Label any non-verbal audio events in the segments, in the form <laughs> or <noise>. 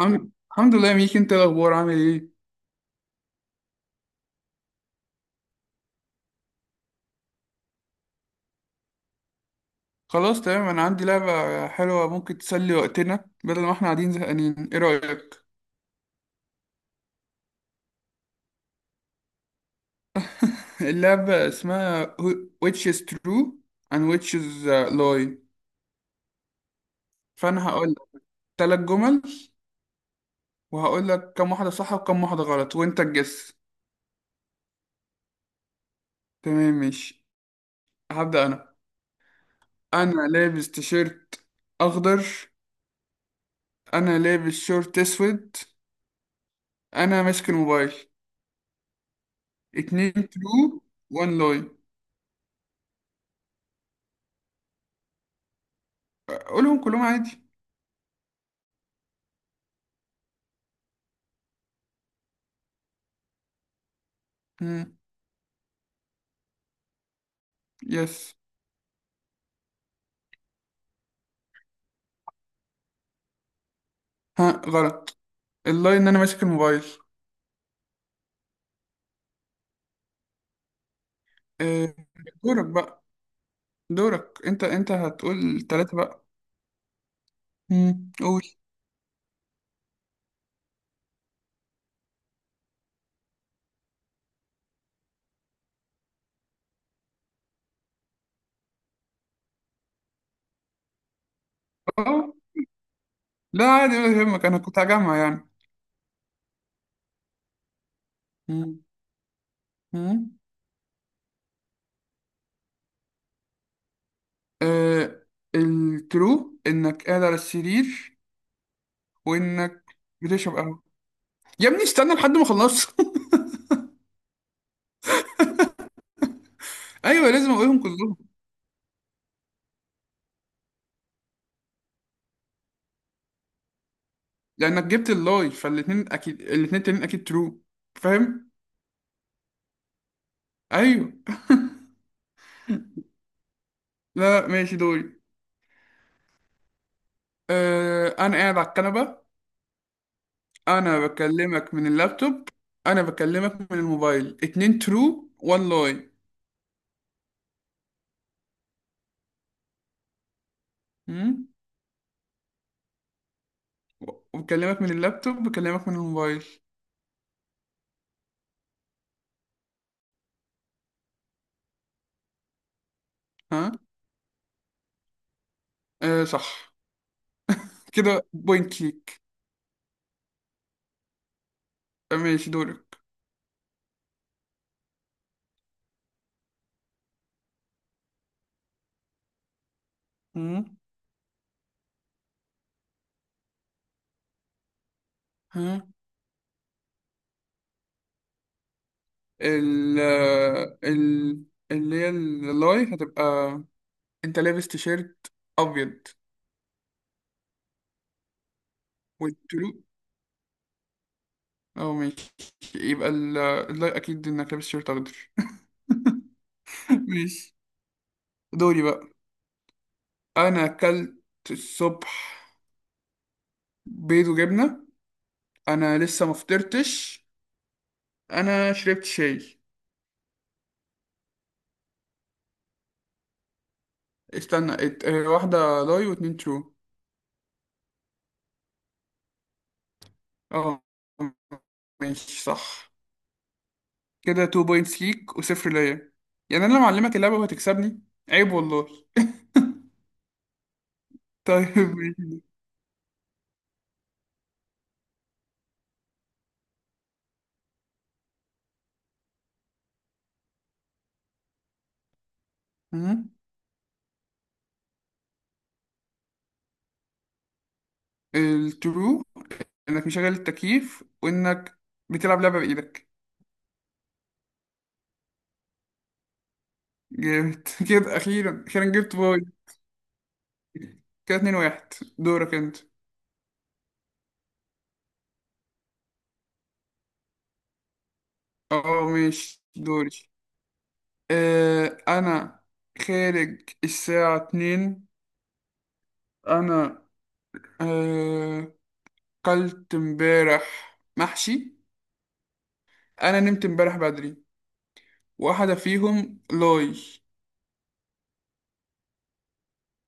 الحمد لله. ميك، انت إيه الاخبار؟ عامل ايه؟ خلاص تمام، انا عندي لعبة حلوة ممكن تسلي وقتنا بدل ما احنا قاعدين زهقانين. ايه رأيك؟ <laughs> اللعبة اسمها which is true and which is lie. فانا هقول لك ثلاث جمل وهقول لك كم واحدة صح وكم واحدة غلط وانت تجس. تمام ماشي. هبدأ انا. انا لابس تيشيرت اخضر. انا لابس شورت اسود. انا ماسك الموبايل. اتنين true, one lie. قولهم كلهم عادي. مم. يس. ها. غلط. اللاين ان انا ماسك الموبايل. آه، دورك بقى. دورك انت. انت هتقول ثلاثة بقى. مم. قول. اه، لا عادي ولا يهمك. انا كنت هجمع يعني. مم. مم. آه، الترو انك قاعد على السرير وانك بتشرب قهوة. يا ابني استنى لحد ما اخلص. <laughs> ايوه لازم اقولهم كلهم. لانك جبت اللاي فالاتنين اكيد. الاتنين التانيين اكيد ترو. فاهم؟ ايوه. لا لا، ماشي. دوري. انا قاعد على الكنبه. انا بكلمك من اللابتوب. انا بكلمك من الموبايل. اتنين ترو وان لاي. مم؟ وبكلمك من اللابتوب، بكلمك من الموبايل. ها. أه صح. كده بوينت ليك. ماشي دورك. مم. ها. ال آه، ال اللي هي اللاي هتبقى: انت لابس تيشيرت ابيض. والترو، اه ماشي. يبقى اللاي اكيد انك لابس تيشيرت اخضر. <laughs> ماشي. دوري بقى. انا اكلت الصبح بيض وجبنه. انا لسه ما فطرتش. انا شربت شاي. استنى، واحده لاي واتنين ترو. اه ماشي صح. كده 2 بوينتس ليك وصفر ليا. يعني انا لما اعلمك اللعبه وهتكسبني؟ عيب والله. <laughs> طيب ماشي. مم. الترو انك مشغل التكييف وانك بتلعب لعبه بايدك. جامد. <laughs> كده اخيرا اخيرا جبت بوينت. كده 2-1. دورك انت. اه ماشي دوري. أنا خارج الساعة اتنين. أنا آه قلت امبارح محشي. أنا نمت امبارح بدري. واحدة فيهم لاي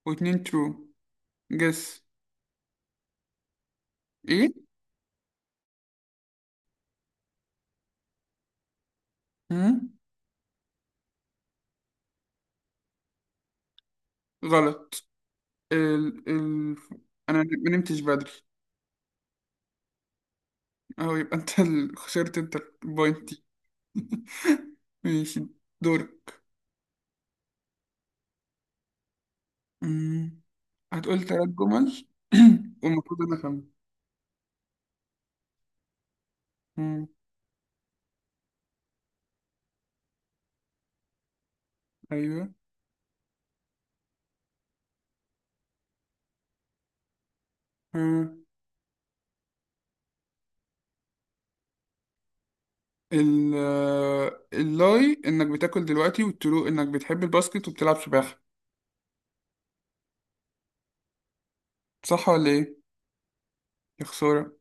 واتنين ترو. جس. إيه؟ مم؟ غلط. ال ال أنا ما نمتش بدري. أهو يبقى أنت خسرت أنت البوينت دي. <laughs> ماشي. دورك. مم. هتقول تلات جمل. <clears throat> والمفروض أنا أفهم. مم. أيوه. اللاي انك بتاكل دلوقتي، والترو انك بتحب الباسكت وبتلعب سباحة. صح ولا ايه؟ يا خسارة.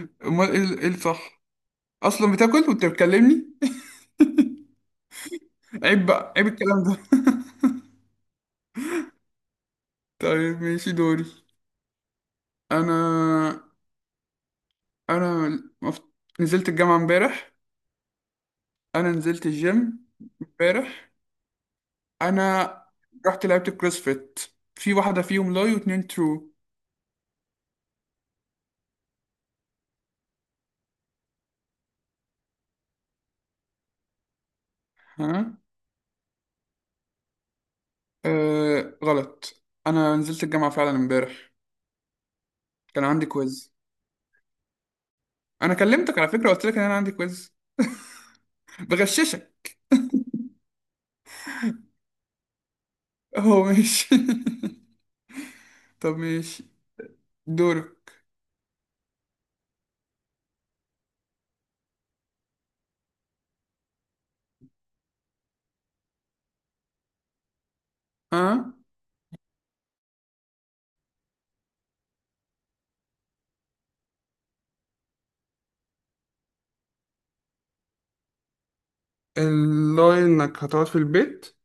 <laughs> امال ايه ايه الصح؟ اصلا بتاكل وانت بتكلمني؟ <laughs> عيب بقى. عيب الكلام ده. <laughs> طيب ماشي دوري. انا انا مف... نزلت الجامعة امبارح. انا نزلت الجيم امبارح. انا رحت لعبت الكروسفيت. في واحدة فيهم لاي واتنين ترو. ها. آه غلط. انا نزلت الجامعة فعلا امبارح. كان عندي كويز. انا كلمتك على فكره، قلت لك ان انا عندي كويز. بغششك؟ هو ماشي. <laughs> طب ماشي. دورك. ها. اللي انك هتقعد في البيت.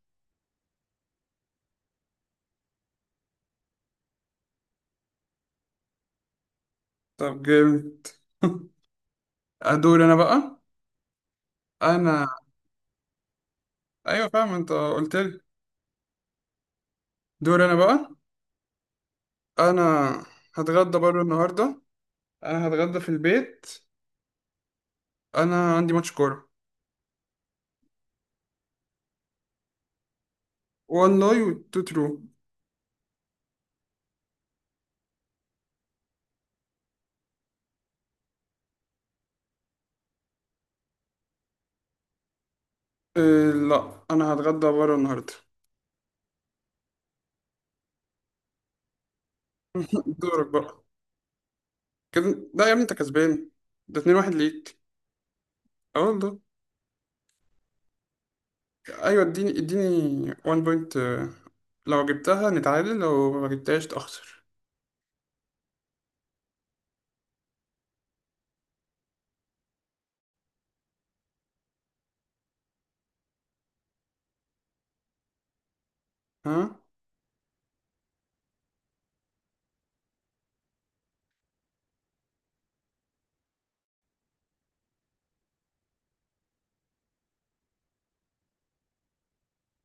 طب جامد. <laughs> ادور انا بقى. انا، ايوه فاهم انت قلت لي. دور انا بقى. انا هتغدى بره النهارده. انا هتغدى في البيت. انا عندي ماتش كوره. وان لاي وتو ترو. إيه لا انا هتغدى بره النهارده. <laughs> دورك بقى. كده لا يا ابني، انت كسبان. ده 2 واحد ليك. اه والله. ايوه اديني اديني 1 بوينت. لو جبتها نتعادل، لو ما جبتهاش تخسر. ها.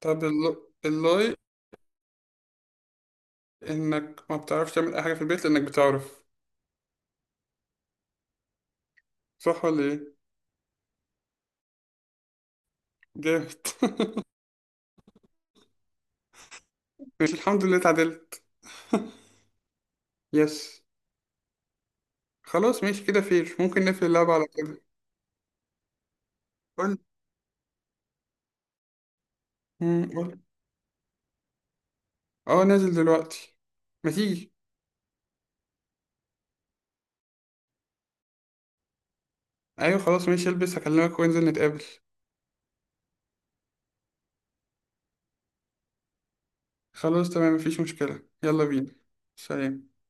طب اللاي انك ما بتعرفش تعمل اي حاجه في البيت لانك بتعرف. صح ولا ايه؟ جامد. <laughs> ماشي الحمد لله اتعدلت. يس. خلاص ماشي كده فير. ممكن نقفل اللعبه على كده. قول. مم، قول. اه نازل دلوقتي. ما تيجي. ايوه خلاص ماشي. البس، هكلمك وننزل نتقابل. خلاص تمام مفيش مشكله. يلا بينا. سلام.